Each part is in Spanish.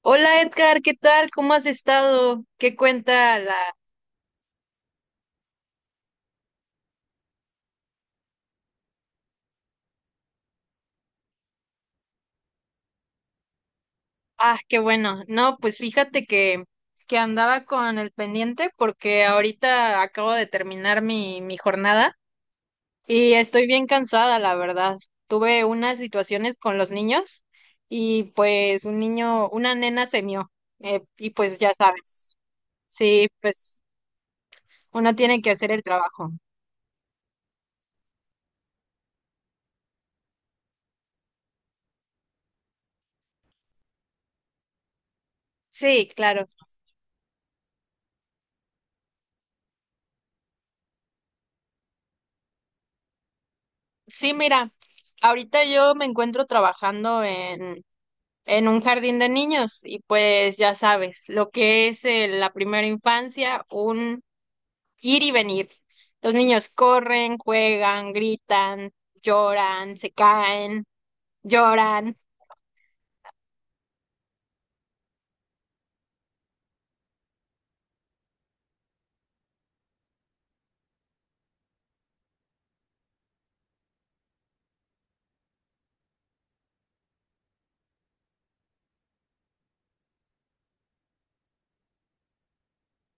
Hola Edgar, ¿qué tal? ¿Cómo has estado? ¿Qué cuenta la... Ah, qué bueno. No, pues fíjate que andaba con el pendiente porque ahorita acabo de terminar mi jornada y estoy bien cansada, la verdad. Tuve unas situaciones con los niños y pues un niño, una nena se mió y pues ya sabes. Sí, pues uno tiene que hacer el trabajo. Sí, claro. Sí, mira, ahorita yo me encuentro trabajando en un jardín de niños y pues ya sabes, lo que es la primera infancia, un ir y venir. Los niños corren, juegan, gritan, lloran, se caen, lloran.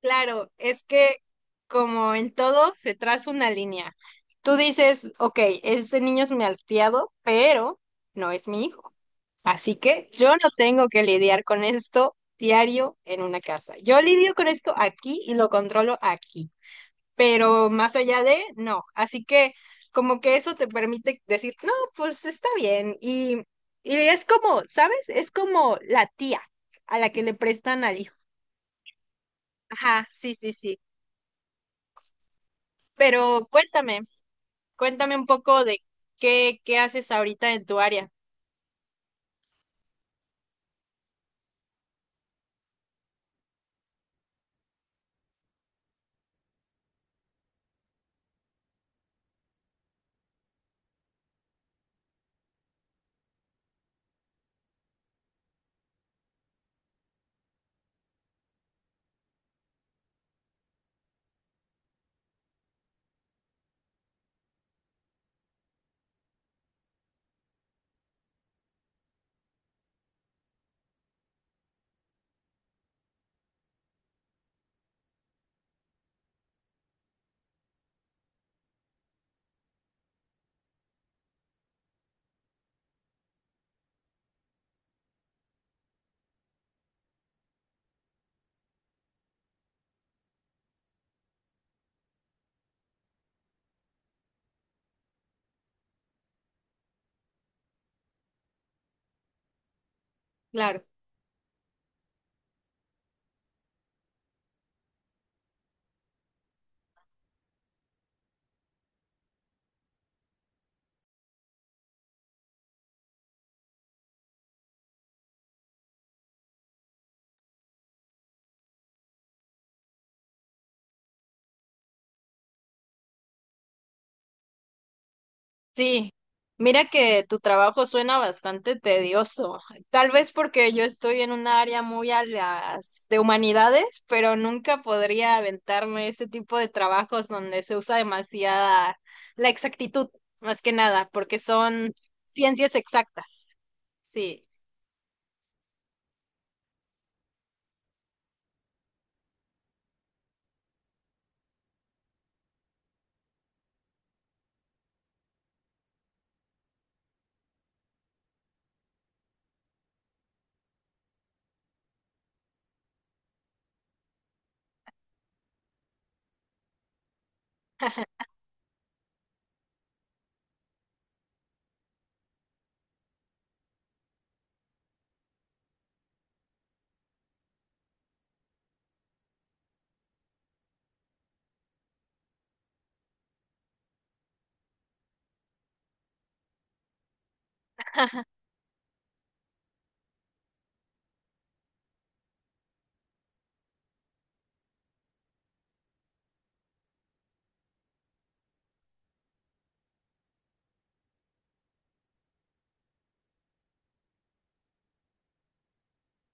Claro, es que como en todo se traza una línea. Tú dices, ok, este niño es mi malcriado, pero no es mi hijo. Así que yo no tengo que lidiar con esto diario en una casa. Yo lidio con esto aquí y lo controlo aquí, pero más allá de, no. Así que como que eso te permite decir, no, pues está bien. Y es como, ¿sabes? Es como la tía a la que le prestan al hijo. Ajá, sí, sí, sí. Pero cuéntame, cuéntame un poco de qué haces ahorita en tu área. Claro. Sí, mira que tu trabajo suena bastante tedioso, tal vez porque yo estoy en un área muy a las de humanidades, pero nunca podría aventarme ese tipo de trabajos donde se usa demasiada la exactitud, más que nada, porque son ciencias exactas. Sí,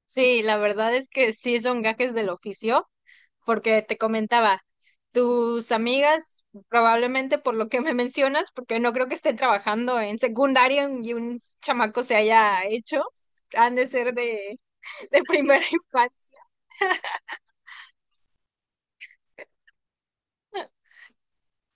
sí, la verdad es que sí son gajes del oficio. Porque te comentaba, tus amigas, probablemente por lo que me mencionas, porque no creo que estén trabajando en secundaria y un chamaco se haya hecho, han de ser de primera infancia.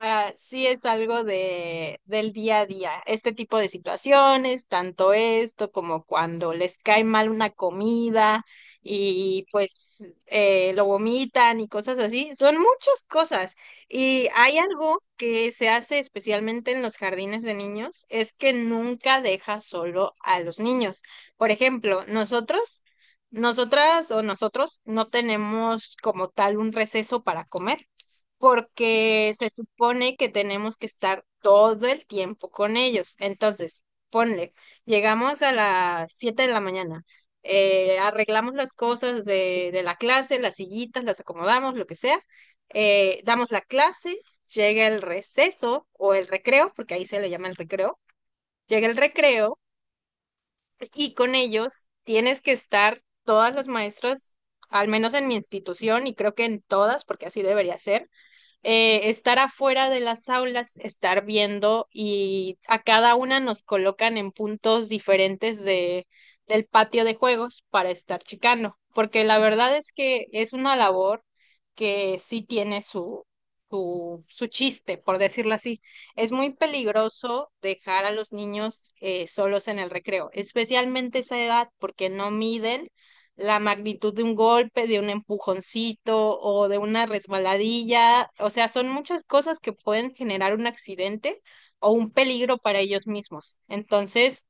Ah, sí es algo de, del día a día, este tipo de situaciones, tanto esto como cuando les cae mal una comida y pues lo vomitan y cosas así, son muchas cosas. Y hay algo que se hace especialmente en los jardines de niños, es que nunca deja solo a los niños. Por ejemplo, nosotros, nosotras o nosotros no tenemos como tal un receso para comer porque se supone que tenemos que estar todo el tiempo con ellos. Entonces, ponle, llegamos a las 7 de la mañana, arreglamos las cosas de la clase, las sillitas, las acomodamos, lo que sea, damos la clase, llega el receso o el recreo, porque ahí se le llama el recreo, llega el recreo y con ellos tienes que estar todas las maestras, al menos en mi institución y creo que en todas, porque así debería ser estar afuera de las aulas, estar viendo y a cada una nos colocan en puntos diferentes de, del patio de juegos para estar checando, porque la verdad es que es una labor que sí tiene su, su chiste, por decirlo así. Es muy peligroso dejar a los niños solos en el recreo, especialmente esa edad, porque no miden la magnitud de un golpe, de un empujoncito o de una resbaladilla. O sea, son muchas cosas que pueden generar un accidente o un peligro para ellos mismos. Entonces,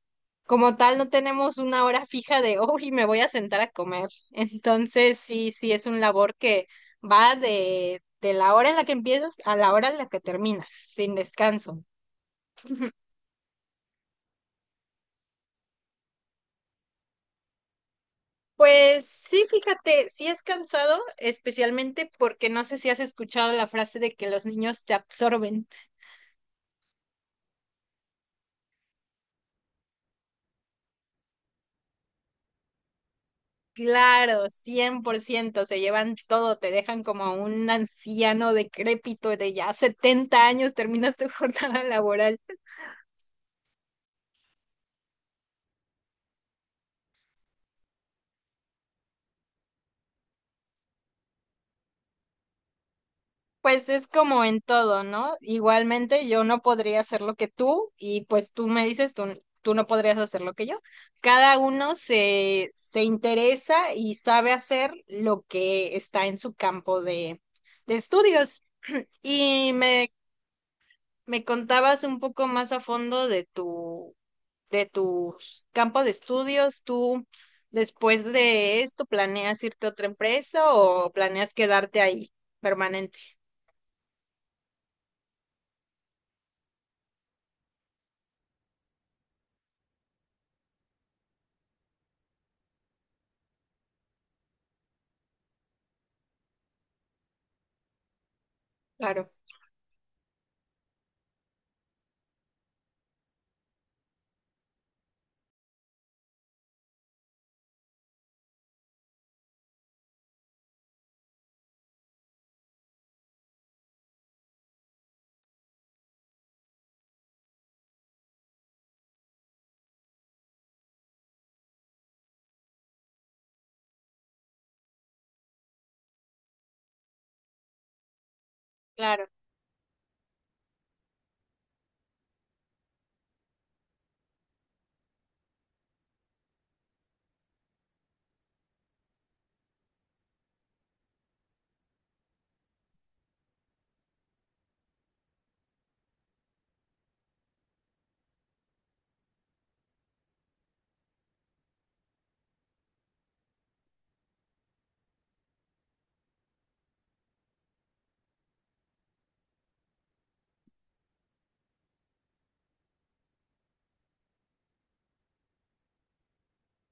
como tal, no tenemos una hora fija de, uy, me voy a sentar a comer. Entonces, sí, sí, es un labor que va de la hora en la que empiezas a la hora en la que terminas, sin descanso. Pues sí, fíjate, sí es cansado, especialmente porque no sé si has escuchado la frase de que los niños te absorben. Claro, 100%, se llevan todo, te dejan como un anciano decrépito de ya 70 años, terminas tu jornada laboral. Pues es como en todo, ¿no? Igualmente yo no podría hacer lo que tú y pues tú me dices, tú no podrías hacer lo que yo. Cada uno se, se interesa y sabe hacer lo que está en su campo de estudios. Y me contabas un poco más a fondo de tu campo de estudios. ¿Tú después de esto planeas irte a otra empresa o planeas quedarte ahí permanente? Claro, claro.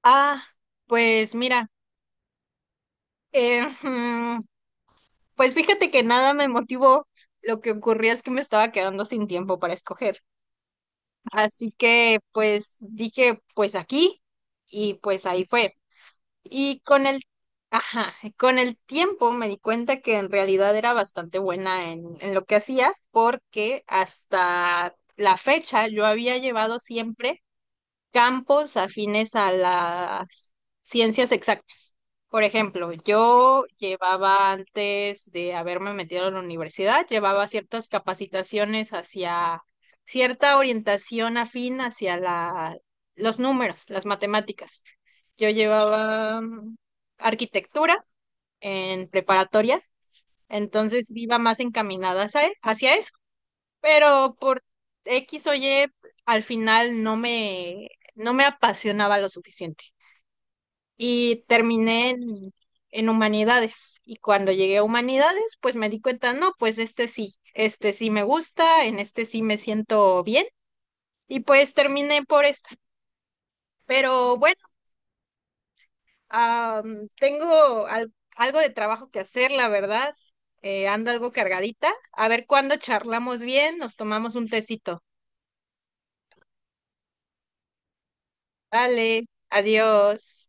Ah, pues mira, eh, pues fíjate que nada me motivó. Lo que ocurría es que me estaba quedando sin tiempo para escoger. Así que pues dije, pues aquí y pues ahí fue. Y con el, ajá, con el tiempo me di cuenta que en realidad era bastante buena en lo que hacía porque hasta la fecha yo había llevado siempre campos afines a las ciencias exactas. Por ejemplo, yo llevaba antes de haberme metido a la universidad, llevaba ciertas capacitaciones hacia cierta orientación afín hacia la, los números, las matemáticas. Yo llevaba arquitectura en preparatoria, entonces iba más encaminada hacia e, hacia eso pero por X o Y al final no me, no me apasionaba lo suficiente. Y terminé en humanidades. Y cuando llegué a humanidades, pues me di cuenta, no, pues este sí me gusta, en este sí me siento bien. Y pues terminé por esta. Pero bueno, tengo al- algo de trabajo que hacer, la verdad. Ando algo cargadita. A ver cuándo charlamos bien, nos tomamos un tecito. Vale, adiós.